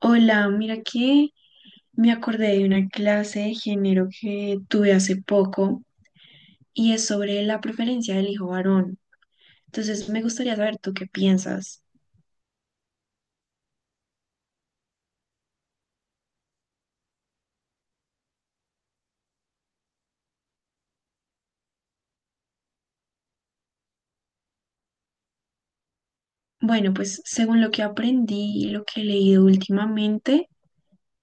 Hola, mira que me acordé de una clase de género que tuve hace poco y es sobre la preferencia del hijo varón. Entonces me gustaría saber tú qué piensas. Bueno, pues según lo que aprendí y lo que he leído últimamente,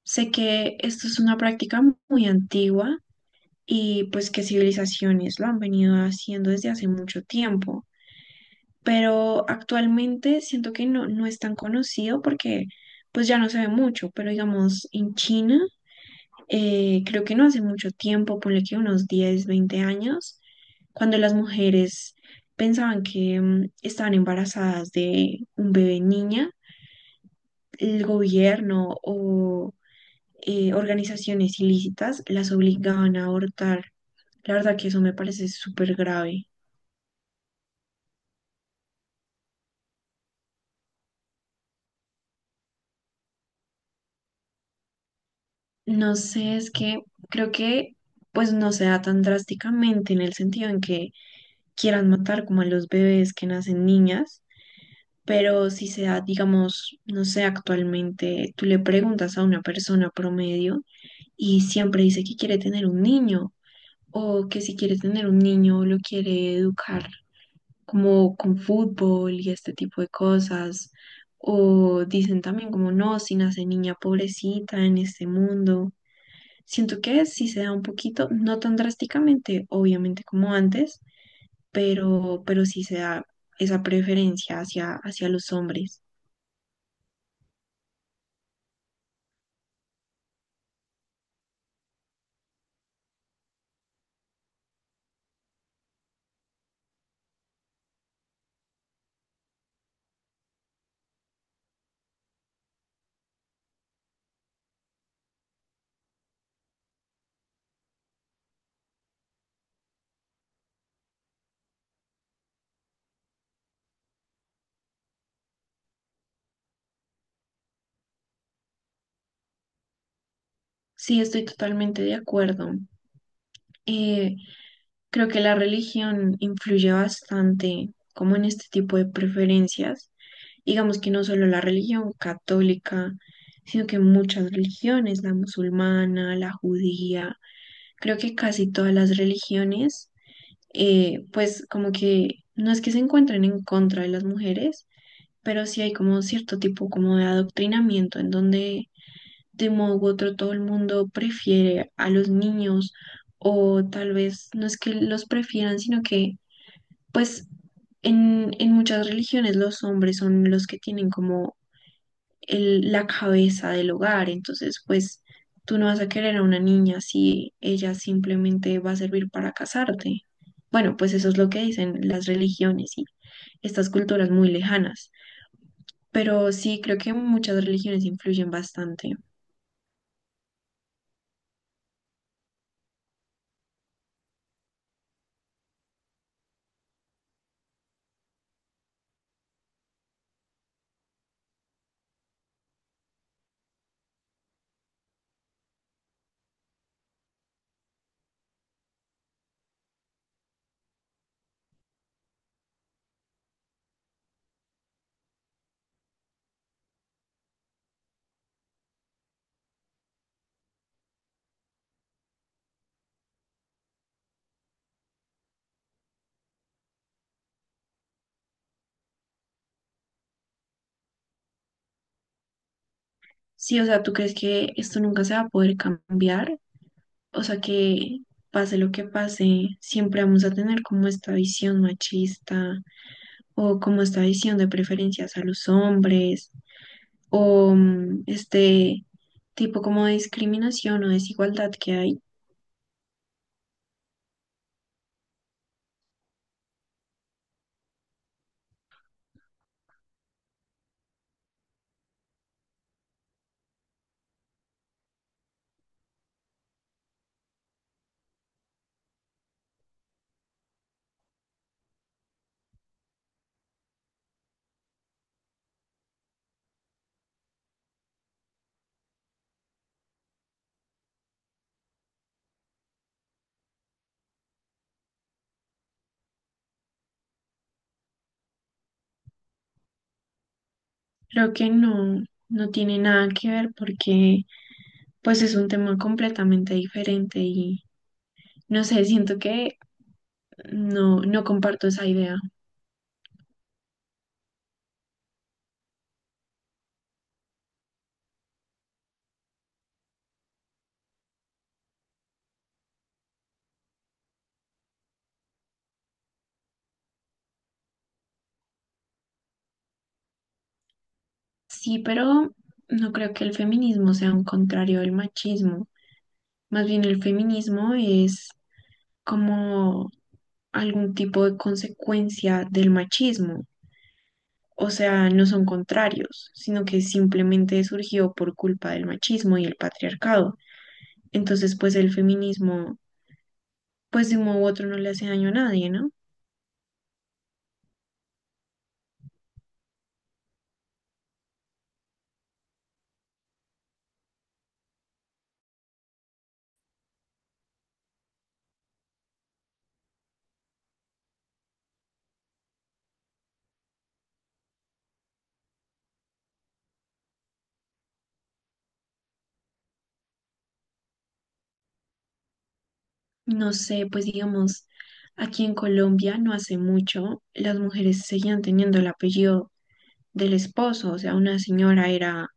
sé que esto es una práctica muy antigua y pues que civilizaciones lo han venido haciendo desde hace mucho tiempo, pero actualmente siento que no es tan conocido porque pues ya no se ve mucho, pero digamos en China. Creo que no hace mucho tiempo, ponle que unos 10, 20 años, cuando las mujeres pensaban que estaban embarazadas de un bebé niña, el gobierno o organizaciones ilícitas las obligaban a abortar. La verdad que eso me parece súper grave. No sé, es que creo que pues no se da tan drásticamente en el sentido en que quieran matar como a los bebés que nacen niñas. Pero si se da, digamos, no sé, actualmente tú le preguntas a una persona promedio y siempre dice que quiere tener un niño o que si quiere tener un niño lo quiere educar como con fútbol y este tipo de cosas. O dicen también como no, si nace niña pobrecita en este mundo. Siento que si se da un poquito, no tan drásticamente, obviamente como antes, pero sí se da esa preferencia hacia los hombres. Sí, estoy totalmente de acuerdo. Eh, Creo que la religión influye bastante como en este tipo de preferencias. Digamos que no solo la religión católica, sino que muchas religiones, la musulmana, la judía, creo que casi todas las religiones, pues como que no es que se encuentren en contra de las mujeres, pero sí hay como cierto tipo como de adoctrinamiento en donde de modo u otro todo el mundo prefiere a los niños o tal vez no es que los prefieran, sino que pues en muchas religiones los hombres son los que tienen como la cabeza del hogar, entonces pues tú no vas a querer a una niña si ella simplemente va a servir para casarte. Bueno, pues eso es lo que dicen las religiones y estas culturas muy lejanas, pero sí creo que muchas religiones influyen bastante. Sí, o sea, ¿tú crees que esto nunca se va a poder cambiar? O sea, que pase lo que pase, siempre vamos a tener como esta visión machista o como esta visión de preferencias a los hombres o este tipo como de discriminación o desigualdad que hay. Creo que no, no tiene nada que ver porque pues es un tema completamente diferente y no sé, siento que no, no comparto esa idea. Sí, pero no creo que el feminismo sea un contrario del machismo. Más bien el feminismo es como algún tipo de consecuencia del machismo. O sea, no son contrarios, sino que simplemente surgió por culpa del machismo y el patriarcado. Entonces, pues el feminismo, pues de un modo u otro no le hace daño a nadie, ¿no? No sé, pues digamos, aquí en Colombia no hace mucho las mujeres seguían teniendo el apellido del esposo, o sea, una señora era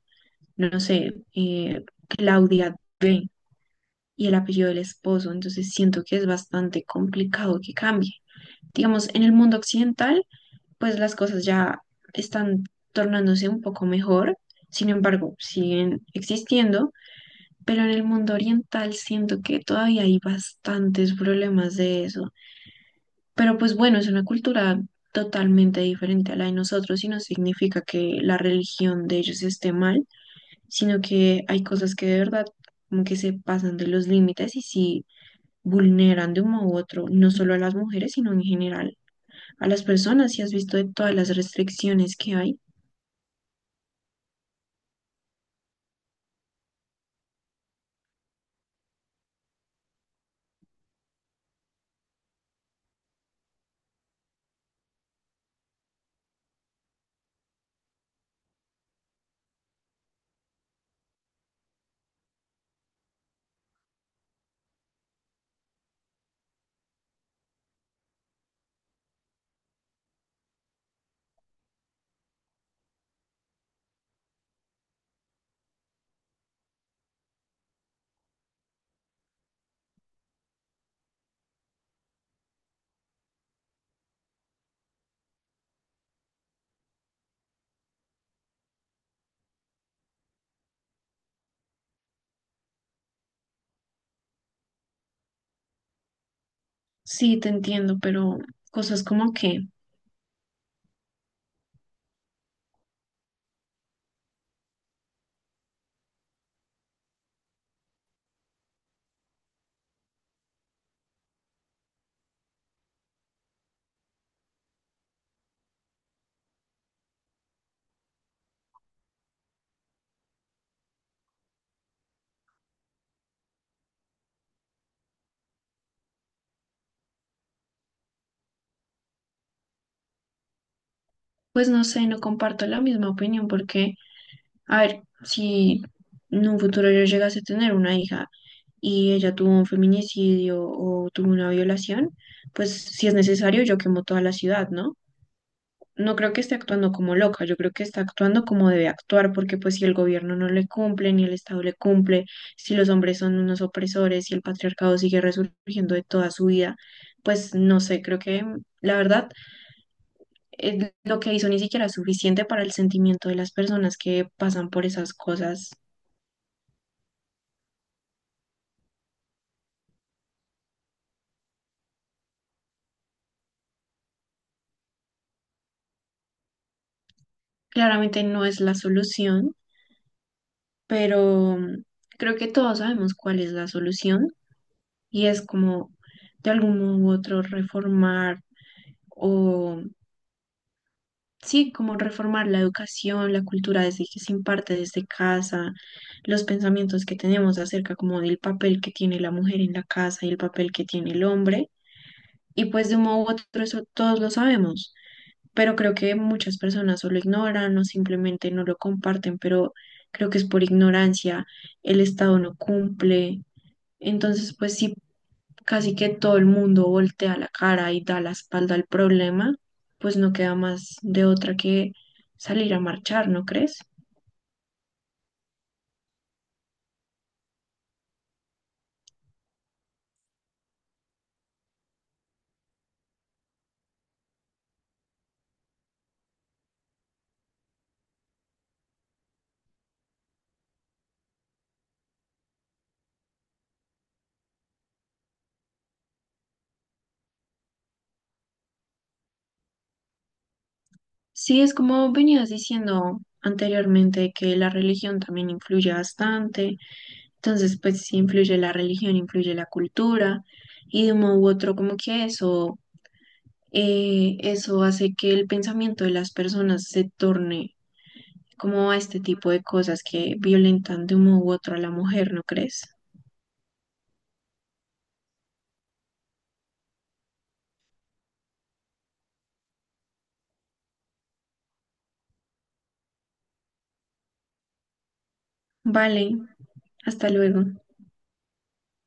no sé, Claudia B. y el apellido del esposo. Entonces siento que es bastante complicado que cambie. Digamos, en el mundo occidental, pues las cosas ya están tornándose un poco mejor. Sin embargo, siguen existiendo, pero en el mundo oriental siento que todavía hay bastantes problemas de eso. Pero pues bueno, es una cultura totalmente diferente a la de nosotros y no significa que la religión de ellos esté mal, sino que hay cosas que de verdad como que se pasan de los límites y sí vulneran de un modo u otro, no solo a las mujeres, sino en general a las personas. Si has visto de todas las restricciones que hay, sí te entiendo, pero cosas como que, pues no sé, no comparto la misma opinión porque, a ver, si en un futuro yo llegase a tener una hija y ella tuvo un feminicidio o tuvo una violación, pues si es necesario yo quemo toda la ciudad, ¿no? No creo que esté actuando como loca, yo creo que está actuando como debe actuar, porque pues si el gobierno no le cumple, ni el Estado le cumple, si los hombres son unos opresores, si el patriarcado sigue resurgiendo de toda su vida, pues no sé, creo que la verdad lo que hizo ni siquiera es suficiente para el sentimiento de las personas que pasan por esas cosas. Claramente no es la solución, pero creo que todos sabemos cuál es la solución y es como de algún modo u otro reformar o sí, como reformar la educación, la cultura desde que se imparte desde casa, los pensamientos que tenemos acerca como del papel que tiene la mujer en la casa y el papel que tiene el hombre. Y pues de un modo u otro eso todos lo sabemos, pero creo que muchas personas o lo ignoran o simplemente no lo comparten, pero creo que es por ignorancia, el Estado no cumple. Entonces, pues sí casi que todo el mundo voltea la cara y da la espalda al problema, pues no queda más de otra que salir a marchar, ¿no crees? Sí, es como venías diciendo anteriormente que la religión también influye bastante, entonces pues sí influye la religión, influye la cultura y de un modo u otro como que eso, eso hace que el pensamiento de las personas se torne como a este tipo de cosas que violentan de un modo u otro a la mujer, ¿no crees? Vale, hasta luego.